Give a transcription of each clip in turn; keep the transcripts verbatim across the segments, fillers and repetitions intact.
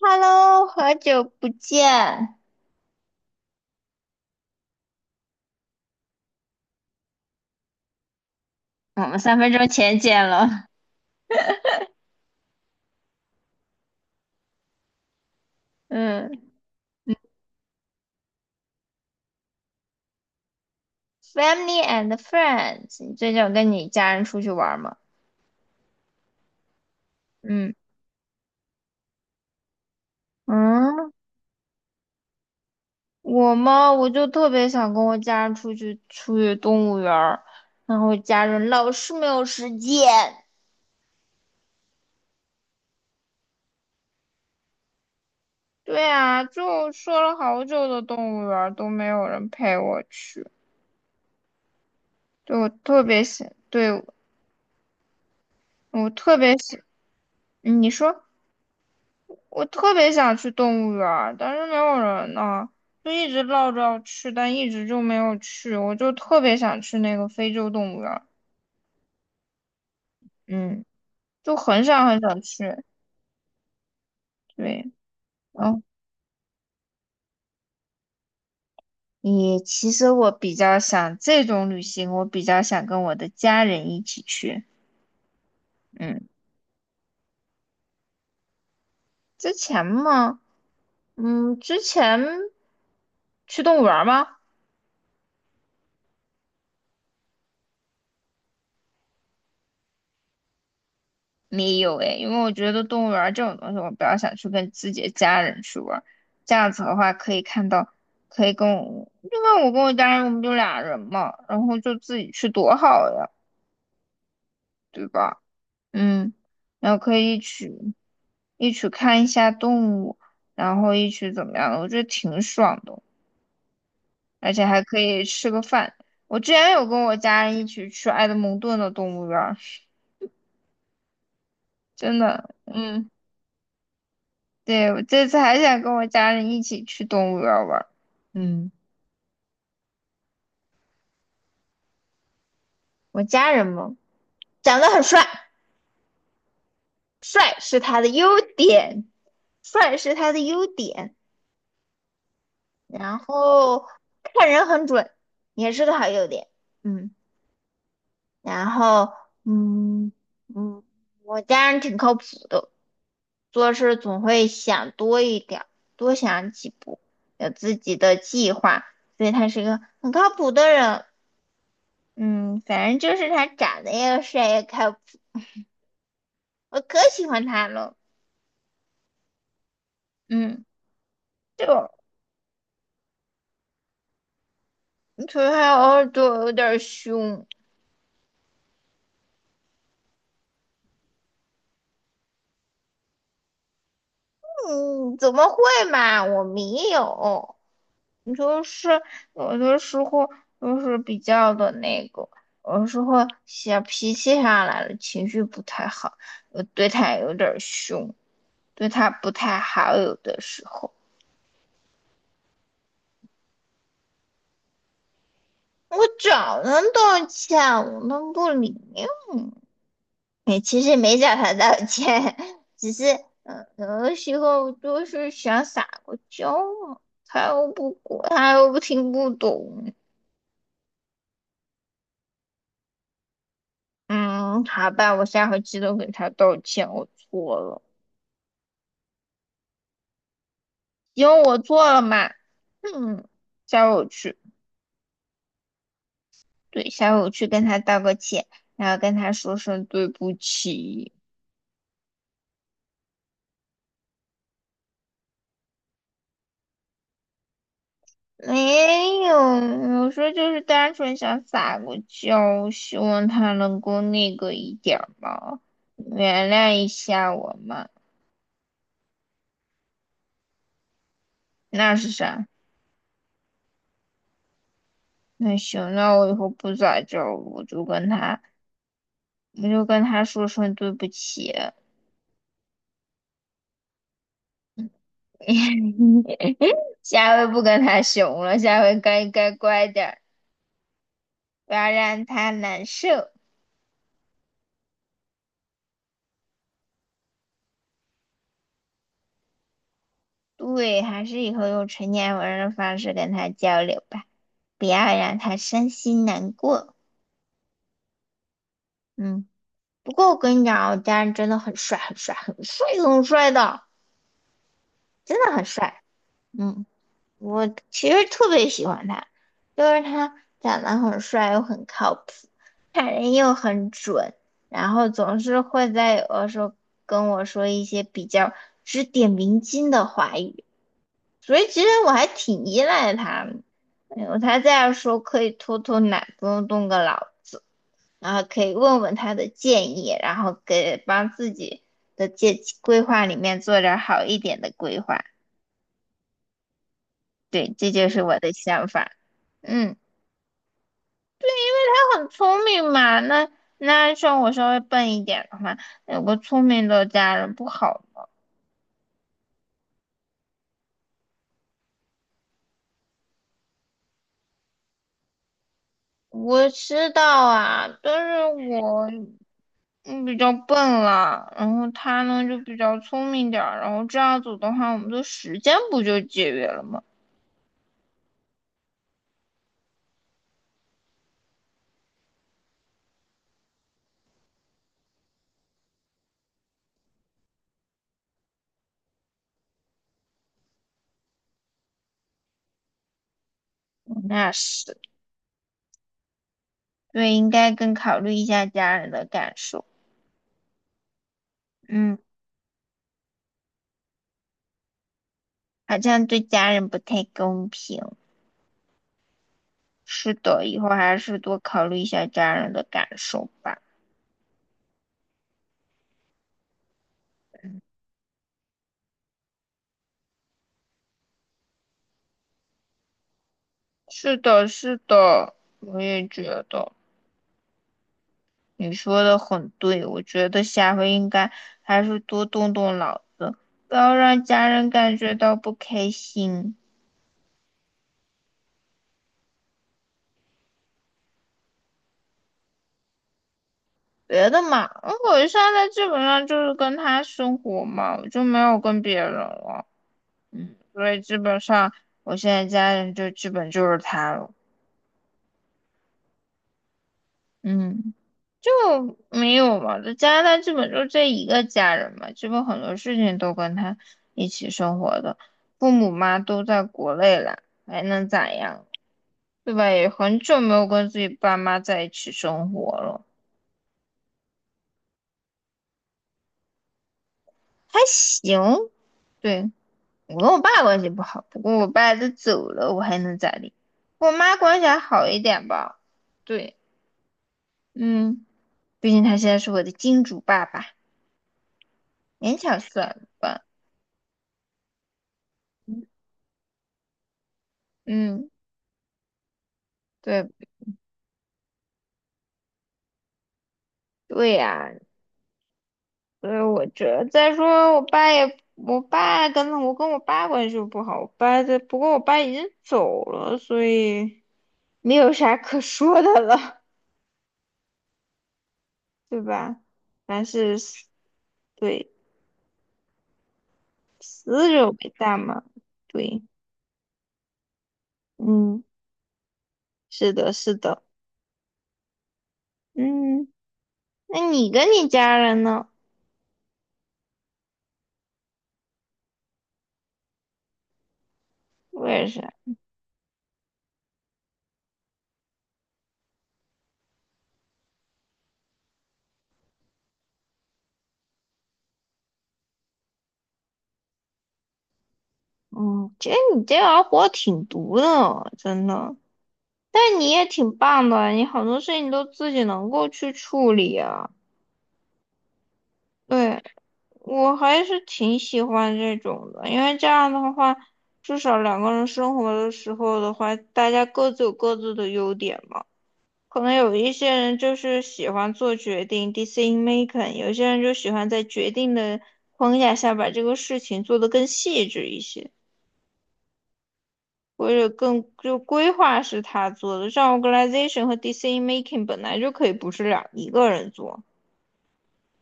Hello，好久不见。我们三分钟前见了，嗯，Family and Friends，你最近有跟你家人出去玩吗？嗯，嗯，我嘛，我就特别想跟我家人出去出去动物园儿，然后家人老是没有时间。对啊，就说了好久的动物园儿都没有人陪我去。对，我特别想，对，我特别想，嗯你说。我特别想去动物园儿，但是没有人呢，就一直闹着要去，但一直就没有去。我就特别想去那个非洲动物园儿，嗯，就很想很想去。对，嗯，也其实我比较想这种旅行，我比较想跟我的家人一起去。嗯，之前嘛，嗯，之前去动物园儿吗？没有诶，因为我觉得动物园儿这种东西，我比较想去跟自己的家人去玩儿，这样子的话，可以看到，可以跟我，因为我跟我家人，我们就俩人嘛，然后就自己去多好呀，对吧？嗯，然后可以一起一起看一下动物，然后一起怎么样的，我觉得挺爽的，而且还可以吃个饭。我之前有跟我家人一起去埃德蒙顿的动物园儿，真的，嗯。对，我这次还想跟我家人一起去动物园儿玩儿。嗯，我家人嘛，长得很帅，帅是他的优点，帅是他的优点。然后看人很准，也是个好优点。嗯，然后嗯嗯，我家人挺靠谱的，做事总会想多一点儿，多想几步，有自己的计划，所以他是一个很靠谱的人。嗯，反正就是他长得又帅又靠谱，我可喜欢他了。嗯，就可是他偶尔对我有点儿凶。嗯，怎么会嘛？我没有，你就是有的时候就是比较的那个，有的时候小脾气上来了，情绪不太好，我对他有点儿凶，对他不太好，有的时候。我早能道歉，我能不理？也其实没找他道歉，只是嗯，有的时候就是想撒个娇嘛，他又不管，他又不听不懂。嗯，好吧，我下回记得给他道歉，我错了，因为我错了嘛。嗯，下回我去，对，下回我去跟他道个歉，然后跟他说声对不起。没有，有时候就是单纯想撒个娇，希望他能够那个一点儿嘛，原谅一下我嘛。那是啥？那行，那我以后不撒娇了我就跟他，我就跟他说声对不起，下回不跟他熊了，下回该该乖点儿，不要让他难受。对，还是以后用成年人的方式跟他交流吧，不要让他伤心难过。嗯。不过我跟你讲啊，我家人真的很帅，很帅，很帅，很帅的，真的很帅。嗯，我其实特别喜欢他，就是他长得很帅又很靠谱，看人又很准，然后总是会在有的时候跟我说一些比较指点迷津的话语，所以其实我还挺依赖他的，哎我才这样说可以偷偷懒，不用动个脑子。然后可以问问他的建议，然后给帮自己的计规划里面做点儿好一点的规划。对，这就是我的想法。嗯，他很聪明嘛，那那像我稍微笨一点的话，有个聪明的家人不好。我知道啊，但是我嗯比较笨了，然后他呢就比较聪明点儿，然后这样子的话，我们的时间不就节约了吗？那是。对，应该更考虑一下家人的感受。嗯，好像对家人不太公平。是的，以后还是多考虑一下家人的感受吧。是的，是的，我也觉得你说的很对。我觉得下回应该还是多动动脑子，不要让家人感觉到不开心。别的嘛，我现在基本上就是跟他生活嘛，我就没有跟别人了。嗯，所以基本上我现在家人就基本就是他了，嗯，就没有嘛，在加拿大基本就这一个家人嘛，基本很多事情都跟他一起生活的，父母嘛都在国内了，还能咋样，对吧？也很久没有跟自己爸妈在一起生活了，还行，对，我跟我爸关系不好，不过我爸都走了，我还能咋地？我妈关系还好一点吧，对，嗯。毕竟他现在是我的金主爸爸，勉强算吧。嗯，对，对呀、所以我觉得再说我爸也，我爸跟我跟我爸关系又不好，我爸这不过我爸已经走了，所以没有啥可说的了，对吧？凡是死对死者为大嘛，对，嗯，是的，是的，嗯，那你跟你家人呢？为啥？嗯，其实你这样活挺毒的，真的。但你也挺棒的，你好多事情都自己能够去处理啊。对，我还是挺喜欢这种的，因为这样的话，至少两个人生活的时候的话，大家各自有各自的优点嘛。可能有一些人就是喜欢做决定（ （decision making），有些人就喜欢在决定的框架下把这个事情做得更细致一些。或者更就规划是他做的，像 organization 和 decision making 本来就可以不是两一个人做，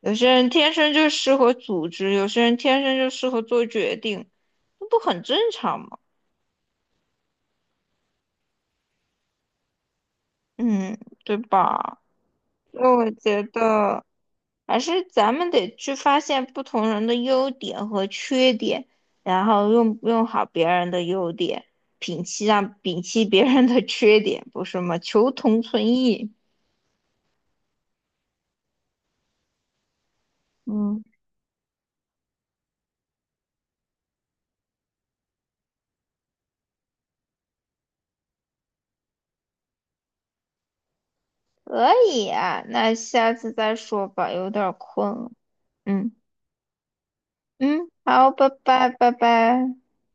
有些人天生就适合组织，有些人天生就适合做决定，那不很正常吗？嗯，对吧？所以我觉得还是咱们得去发现不同人的优点和缺点，然后用用好别人的优点，摒弃让摒弃别人的 缺点，不是吗？求同存异。嗯。可以啊，那下次再说吧，有点儿困了。嗯嗯，好，拜拜拜拜。